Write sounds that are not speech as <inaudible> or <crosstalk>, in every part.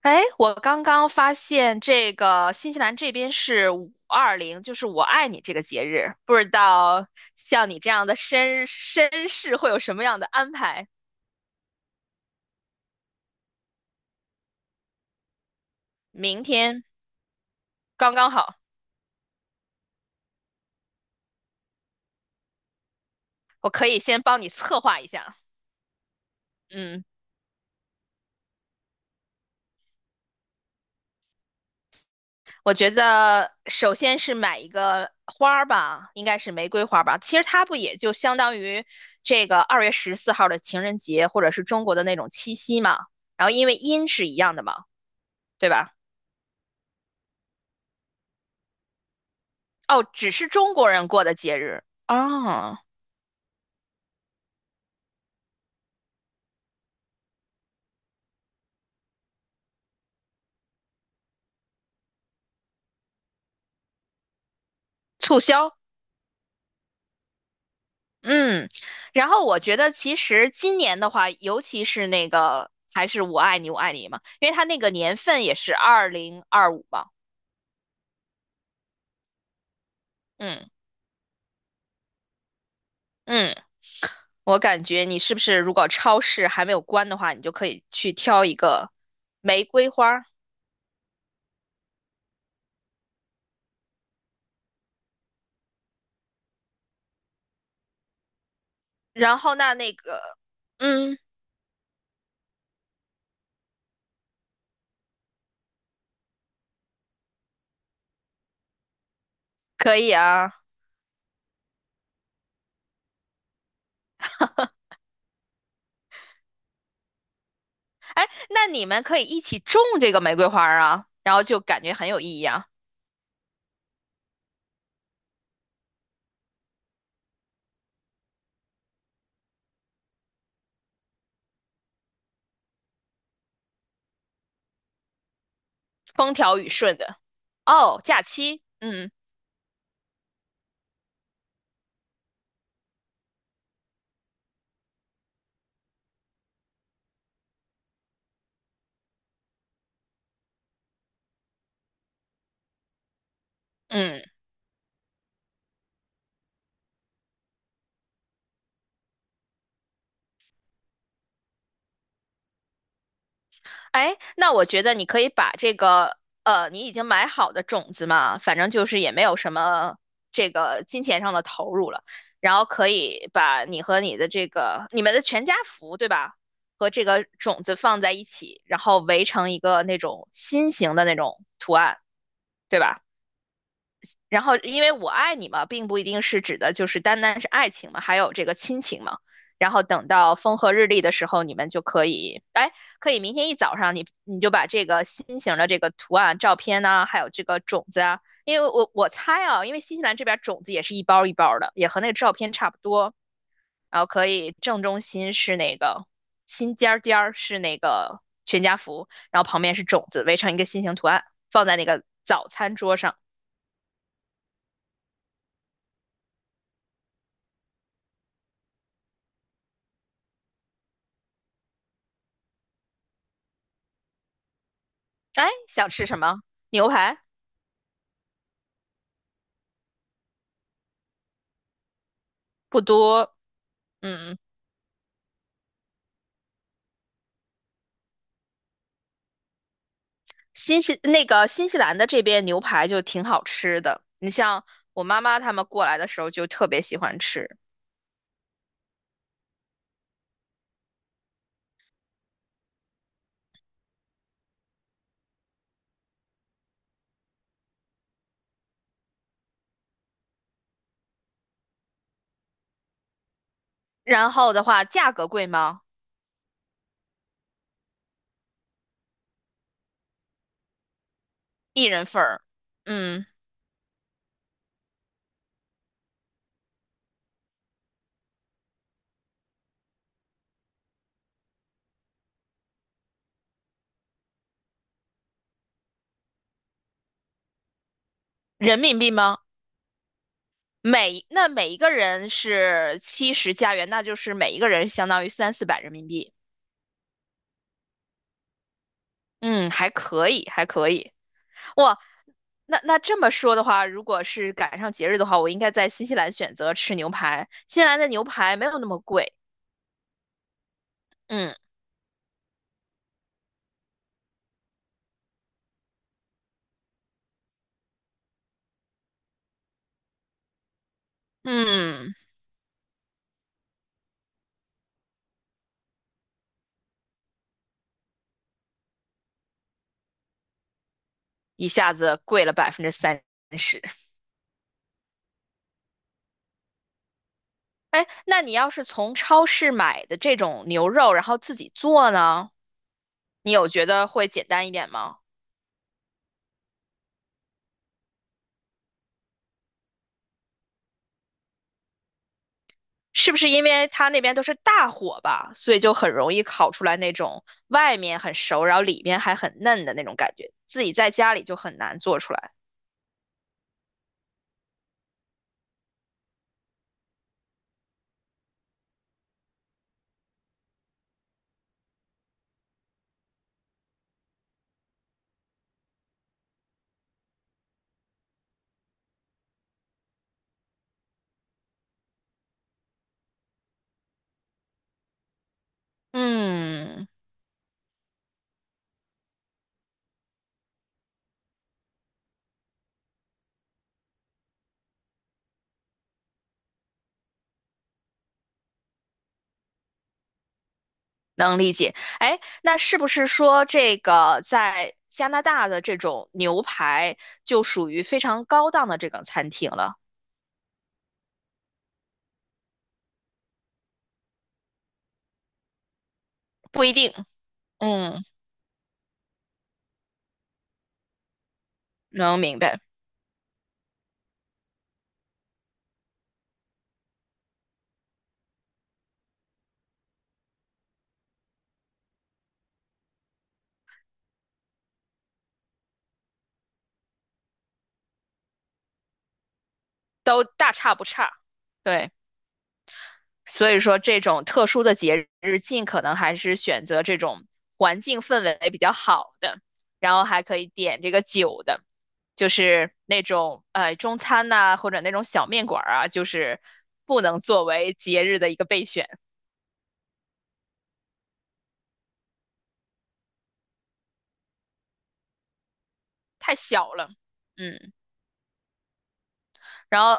哎，我刚刚发现这个新西兰这边是五二零，就是我爱你这个节日，不知道像你这样的绅士会有什么样的安排？明天刚刚好，我可以先帮你策划一下。嗯，我觉得首先是买一个花儿吧，应该是玫瑰花儿吧。其实它不也就相当于这个2月14号的情人节，或者是中国的那种七夕嘛。然后因为音是一样的嘛，对吧？哦，只是中国人过的节日啊，促销，嗯，然后我觉得其实今年的话，尤其是那个还是我爱你我爱你嘛，因为它那个年份也是2025嘛，嗯嗯，我感觉你是不是如果超市还没有关的话，你就可以去挑一个玫瑰花儿。然后那个，嗯可以啊。哎，那你们可以一起种这个玫瑰花儿啊，然后就感觉很有意义啊，风调雨顺的。哦，假期，嗯嗯。哎，那我觉得你可以把这个你已经买好的种子嘛，反正就是也没有什么这个金钱上的投入了，然后可以把你和你的这个你们的全家福，对吧？和这个种子放在一起，然后围成一个那种心形的那种图案，对吧？然后，因为我爱你嘛，并不一定是指的就是单单是爱情嘛，还有这个亲情嘛。然后等到风和日丽的时候，你们就可以，哎，可以明天一早上你，你就把这个心形的这个图案、照片呐、还有这个种子啊，因为我猜啊，因为新西兰这边种子也是一包一包的，也和那个照片差不多。然后可以正中心是那个心尖儿尖儿是那个全家福，然后旁边是种子，围成一个心形图案，放在那个早餐桌上。哎，想吃什么？牛排不多，嗯。那个新西兰的这边牛排就挺好吃的。你像我妈妈他们过来的时候就特别喜欢吃。然后的话，价格贵吗？一人份儿，嗯。人民币吗？每一个人是70加元，那就是每一个人相当于三四百人民币。嗯，还可以，还可以。哇，那这么说的话，如果是赶上节日的话，我应该在新西兰选择吃牛排。新西兰的牛排没有那么贵，嗯嗯。一下子贵了30%。哎，那你要是从超市买的这种牛肉，然后自己做呢，你有觉得会简单一点吗？是不是因为它那边都是大火吧，所以就很容易烤出来那种外面很熟，然后里面还很嫩的那种感觉，自己在家里就很难做出来。嗯。能理解。哎，那是不是说这个在加拿大的这种牛排就属于非常高档的这种餐厅了？不一定，嗯，能明白，都大差不差。对，所以说这种特殊的节日，尽可能还是选择这种环境氛围比较好的，然后还可以点这个酒的，就是那种中餐呐、或者那种小面馆儿啊，就是不能作为节日的一个备选。太小了，嗯。然后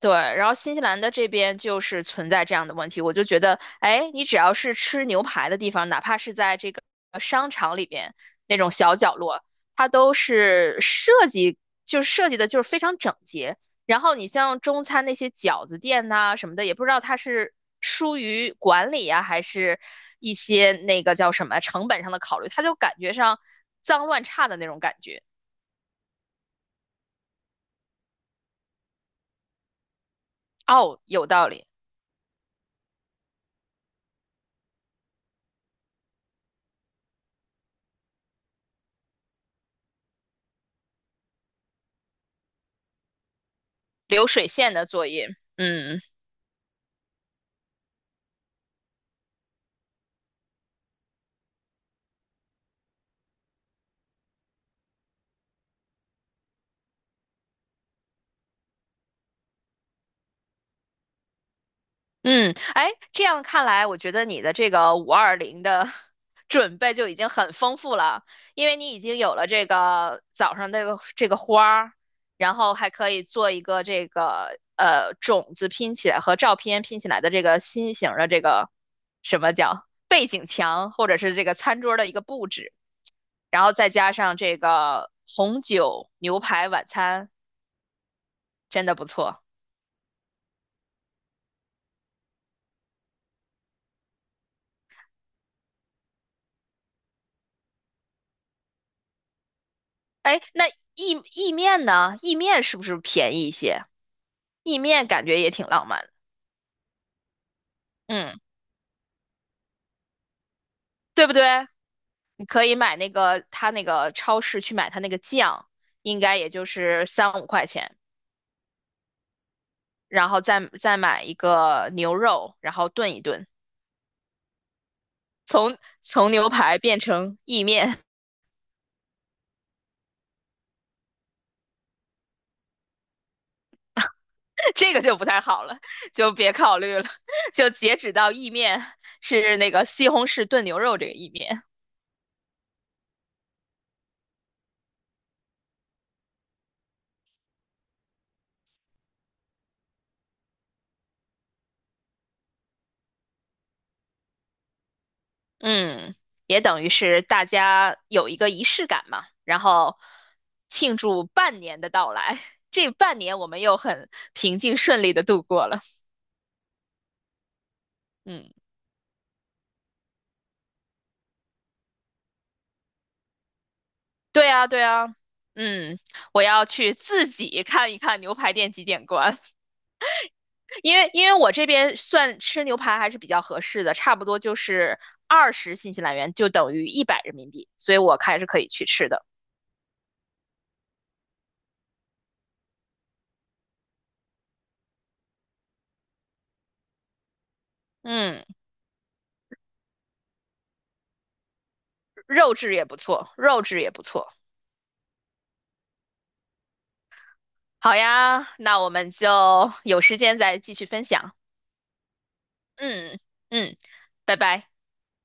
对，然后新西兰的这边就是存在这样的问题，我就觉得，哎，你只要是吃牛排的地方，哪怕是在这个商场里边那种小角落，它都是设计的就是非常整洁。然后你像中餐那些饺子店呐、什么的，也不知道它是疏于管理啊，还是一些那个叫什么成本上的考虑，它就感觉上脏乱差的那种感觉。哦，有道理。流水线的作业。嗯嗯。哎，这样看来，我觉得你的这个五二零的 <laughs> 准备就已经很丰富了，因为你已经有了这个早上这个花儿，然后还可以做一个这个种子拼起来和照片拼起来的这个心形的这个什么叫背景墙，或者是这个餐桌的一个布置，然后再加上这个红酒牛排晚餐，真的不错。哎，那意面呢？意面是不是便宜一些？意面感觉也挺浪漫的，嗯，对不对？你可以买那个他那个超市去买他那个酱，应该也就是三五块钱，然后再买一个牛肉，然后炖一炖，从牛排变成意面。<laughs> 这个就不太好了，就别考虑了，<laughs> 就截止到意面是那个西红柿炖牛肉这个意面。嗯，也等于是大家有一个仪式感嘛，然后庆祝半年的到来。<laughs> 这半年我们又很平静顺利的度过了。嗯，对啊，对啊。嗯，我要去自己看一看牛排店几点关。<laughs> 因为我这边算吃牛排还是比较合适的，差不多就是20新西兰元就等于100人民币，所以我还是可以去吃的。嗯，肉质也不错，肉质也不错。好呀，那我们就有时间再继续分享。嗯嗯，拜拜。